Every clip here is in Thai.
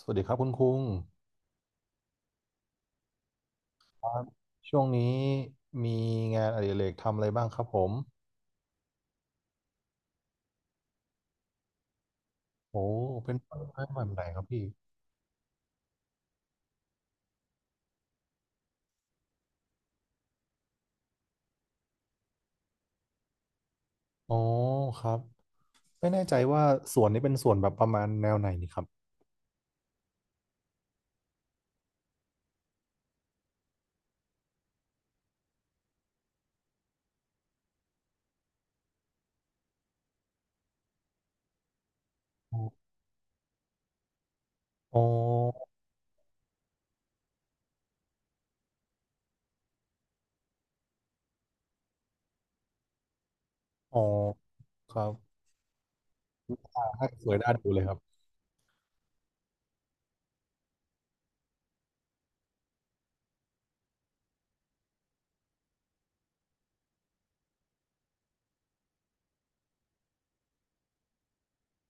สวัสดีครับคุณคุงครับช่วงนี้มีงานอดิเรกทำอะไรบ้างครับผมโอ้เป็นต้นไม้แบบไหนครับพี่อ๋อครับไม่แน่ใจว่าสวนนี้เป็นสวนแบบประมาณแนวไหนนี่ครับอ๋ออ๋ออ๋อครับให้สวยน่าดูเลยครับ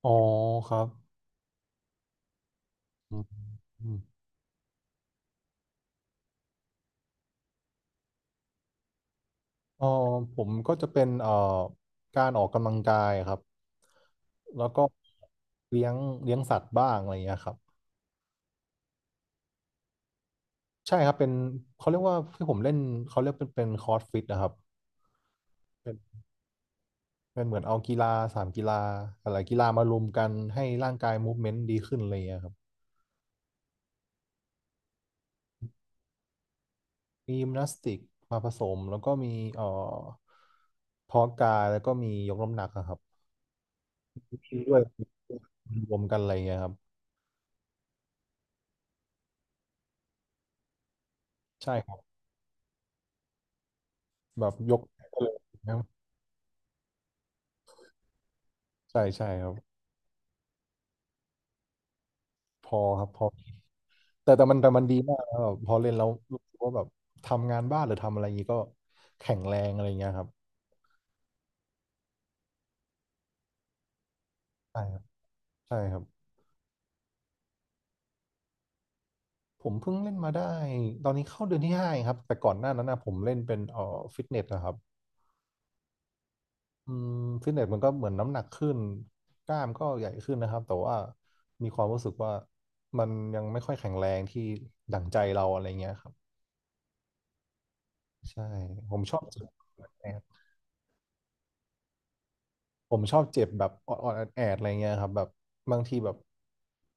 อ๋อครับอืมอืมอ๋อผมก็จะเป็นการออกกำลังกายครับแล้วก็เลี้ยงเลี้ยงสัตว์บ้างอะไรอย่างเงี้ยครับ ใช่ครับเป็นเขาเรียกว่าที่ผมเล่นเขาเรียกเป็นคอร์สฟิตนะครับเป็นเป็นเหมือนเอากีฬาสามกีฬาอะไรกีฬามารวมกันให้ร่างกายมูฟเมนต์ดีขึ้นอะไรอย่างเลยครับมียิมนาสติกมาผสมแล้วก็มีเอ่อเพาะกายแล้วก็มียกน้ำหนักอะครับด้วยรวมกันอะไรอย่างเงี้ยครับใช่ครับแบบยกก็เลยนะใช่ใช่ครับพอครับพอแต่มันดีมากนะแบบพอเล่นแล้วรู้สึกว่าแบบทำงานบ้านหรือทำอะไรอย่างนี้ก็แข็งแรงอะไรอย่างเงี้ยครับ ใช่ครับใช่ครับผมเพิ่งเล่นมาได้ตอนนี้เข้าเดือนที่ห้าเองครับแต่ก่อนหน้านั้นนะผมเล่นเป็นฟิตเนสนะครับอืมฟิตเนสมันก็เหมือนน้ำหนักขึ้นกล้ามก็ใหญ่ขึ้นนะครับแต่ว่ามีความรู้สึกว่ามันยังไม่ค่อยแข็งแรงที่ดั่งใจเราอะไรเงี้ยครับใช่ผมชอบเจ็บแอดผมชอบเจ็บแบบออดๆแอดๆอะไรเงี้ยครับแบบบางทีแบบ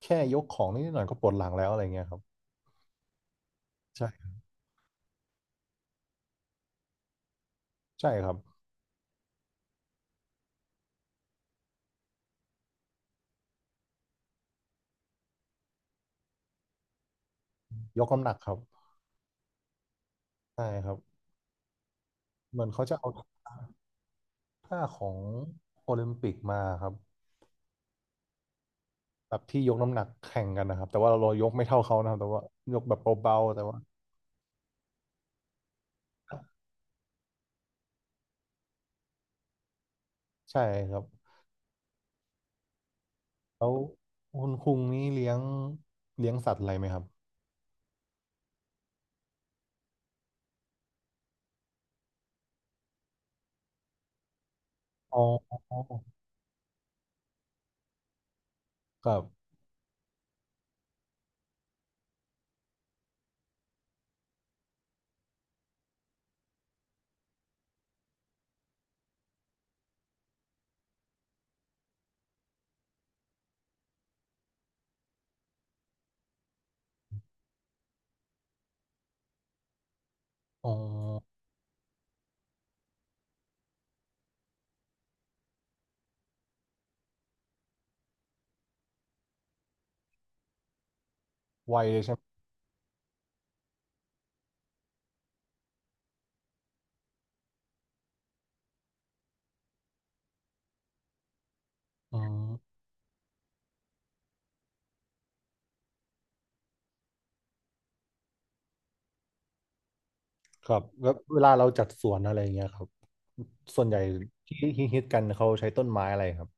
แค่ยกของนิดหน่อยก็ปวดหลังแล้วอะไรเงี้ยครับใช่ใช่ครับยกน้ำหนักครับใช่ครับเหมือนเขาจะเอา ถ้าของโอลิมปิกมาครับแบบที่ยกน้ำหนักแข่งกันนะครับแต่ว่าเรายกไม่เท่าเขานะครับแต่ว่ายกแบบเบาๆแต่ว่าใช่ครับแล้วคุณคุงนี่เลี้ยงสัตว์อะไรไหมครับอ๋อครับอ๋อไวเลยใช่ไหมอืมครับแล้วเวลาเราจัดสวนอะไรอย่างเงี้ยครับส่วนใหญ่ที่ฮิตๆกันเขาใช้ต้นไม้อะไรครับ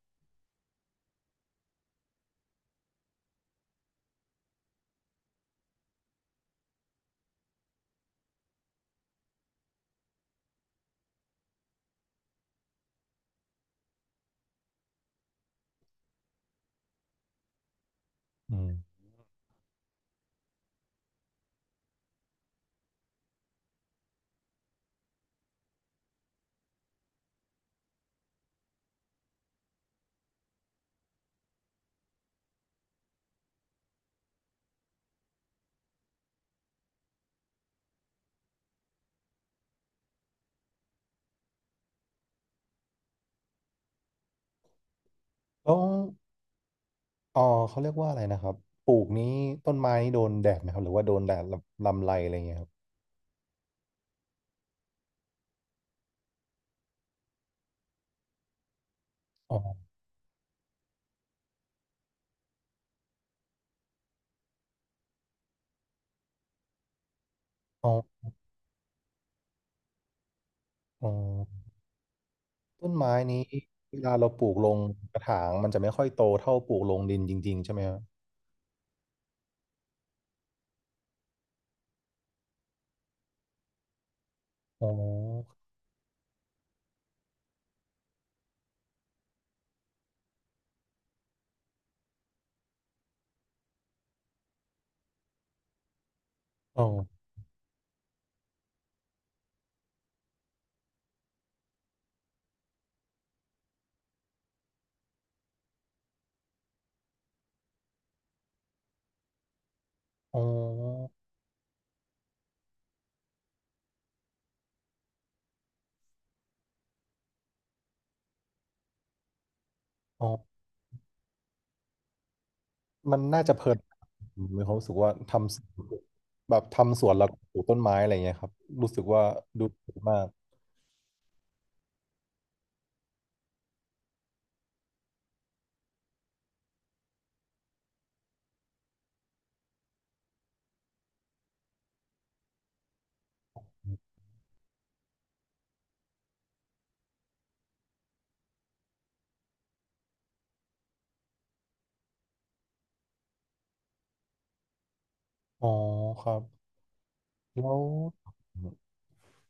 อืมแล้วอ๋อเขาเรียกว่าอะไรนะครับปลูกนี้ต้นไม้นี่โดนแดดไหมครับหรือว่าโดนแดดลำไรอะไรเงี้ยครับอ๋อ อ๋ออ๋อต้นไม้นี้เวลาเราปลูกลงกระถางมันจะไม่ค่อยโตเท่าปลูกลงดินจริงๆใช่ไหมครับอ๋ออ๋ออ๋ออ๋อมันน่าจะเพลินผมมีความรู้สึกว่าทำสวนแบบทำสวนแล้วก็ปลูกต้นไม้อะไรเงี้ยครับรู้สึกว่าดูดีมากอ๋อครับแล้ว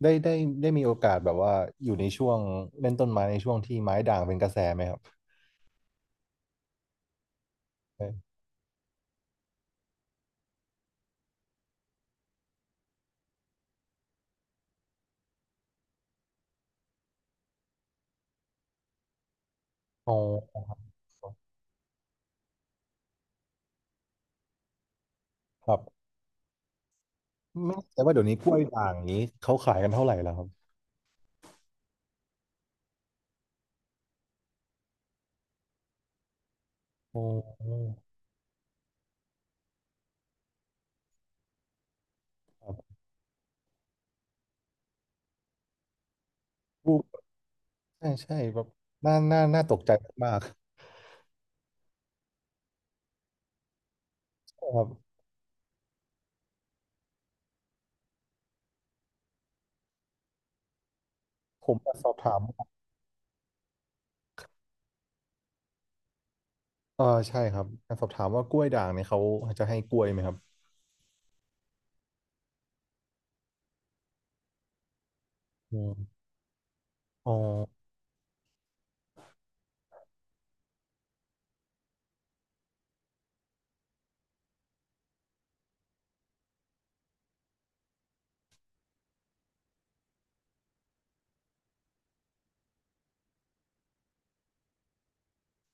ได้ได้ได้มีโอกาสแบบว่าอยู่ในช่วงเล่นต้นไม้ในช่วงที่ไม้ด่างเป็นกระแสไหมครับอ๋อครับ ไม่แต่ว่าเดี๋ยวนี้กล้วยด่างนี้เขาขายกันเท่าไหร่แล้วครับโอ้ครับลูกใช่ใช่แบบน่าตกใจมากๆครับผมมาสอบถามเออใช่ครับมาสอบถามว่ากล้วยด่างเนี่ยเขาจะให้กล้วยไหมครับอืมอ๋อ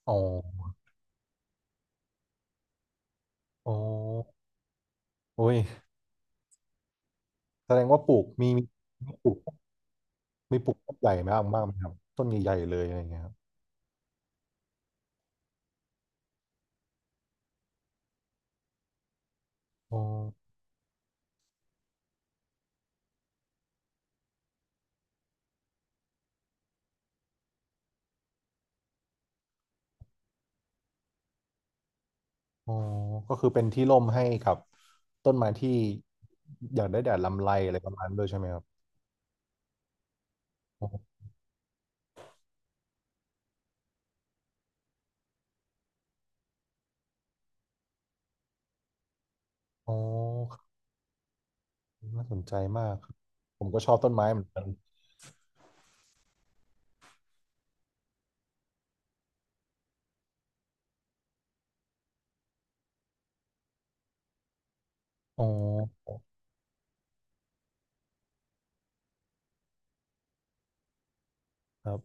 อ๋ออ๋อโอ้ยแสดงว่าปลูกมีปลูกมีปลูกต้นใหญ่มากมากไหมครับต้นใหญ่ๆเลยอะไรอย่างเงี้ยครับอ๋ออ๋อก็คือเป็นที่ร่มให้กับต้นไม้ที่อยากได้แดดลำไรอะไรประมาณนั้นด้วยใช่ไหมครับอ๋ออ๋อ น่าสนใจมากครับผมก็ชอบต้นไม้เหมือนกันอ๋อครับ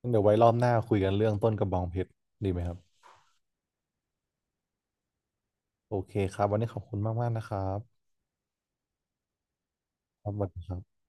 งั้นเดี๋ยวไว้รอบหน้าคุยกันเรื่องต้นกระบองเพชรดีไหมครับโอเคครับวันนี้ขอบคุณมากๆนะครับครับสวัสดีครับ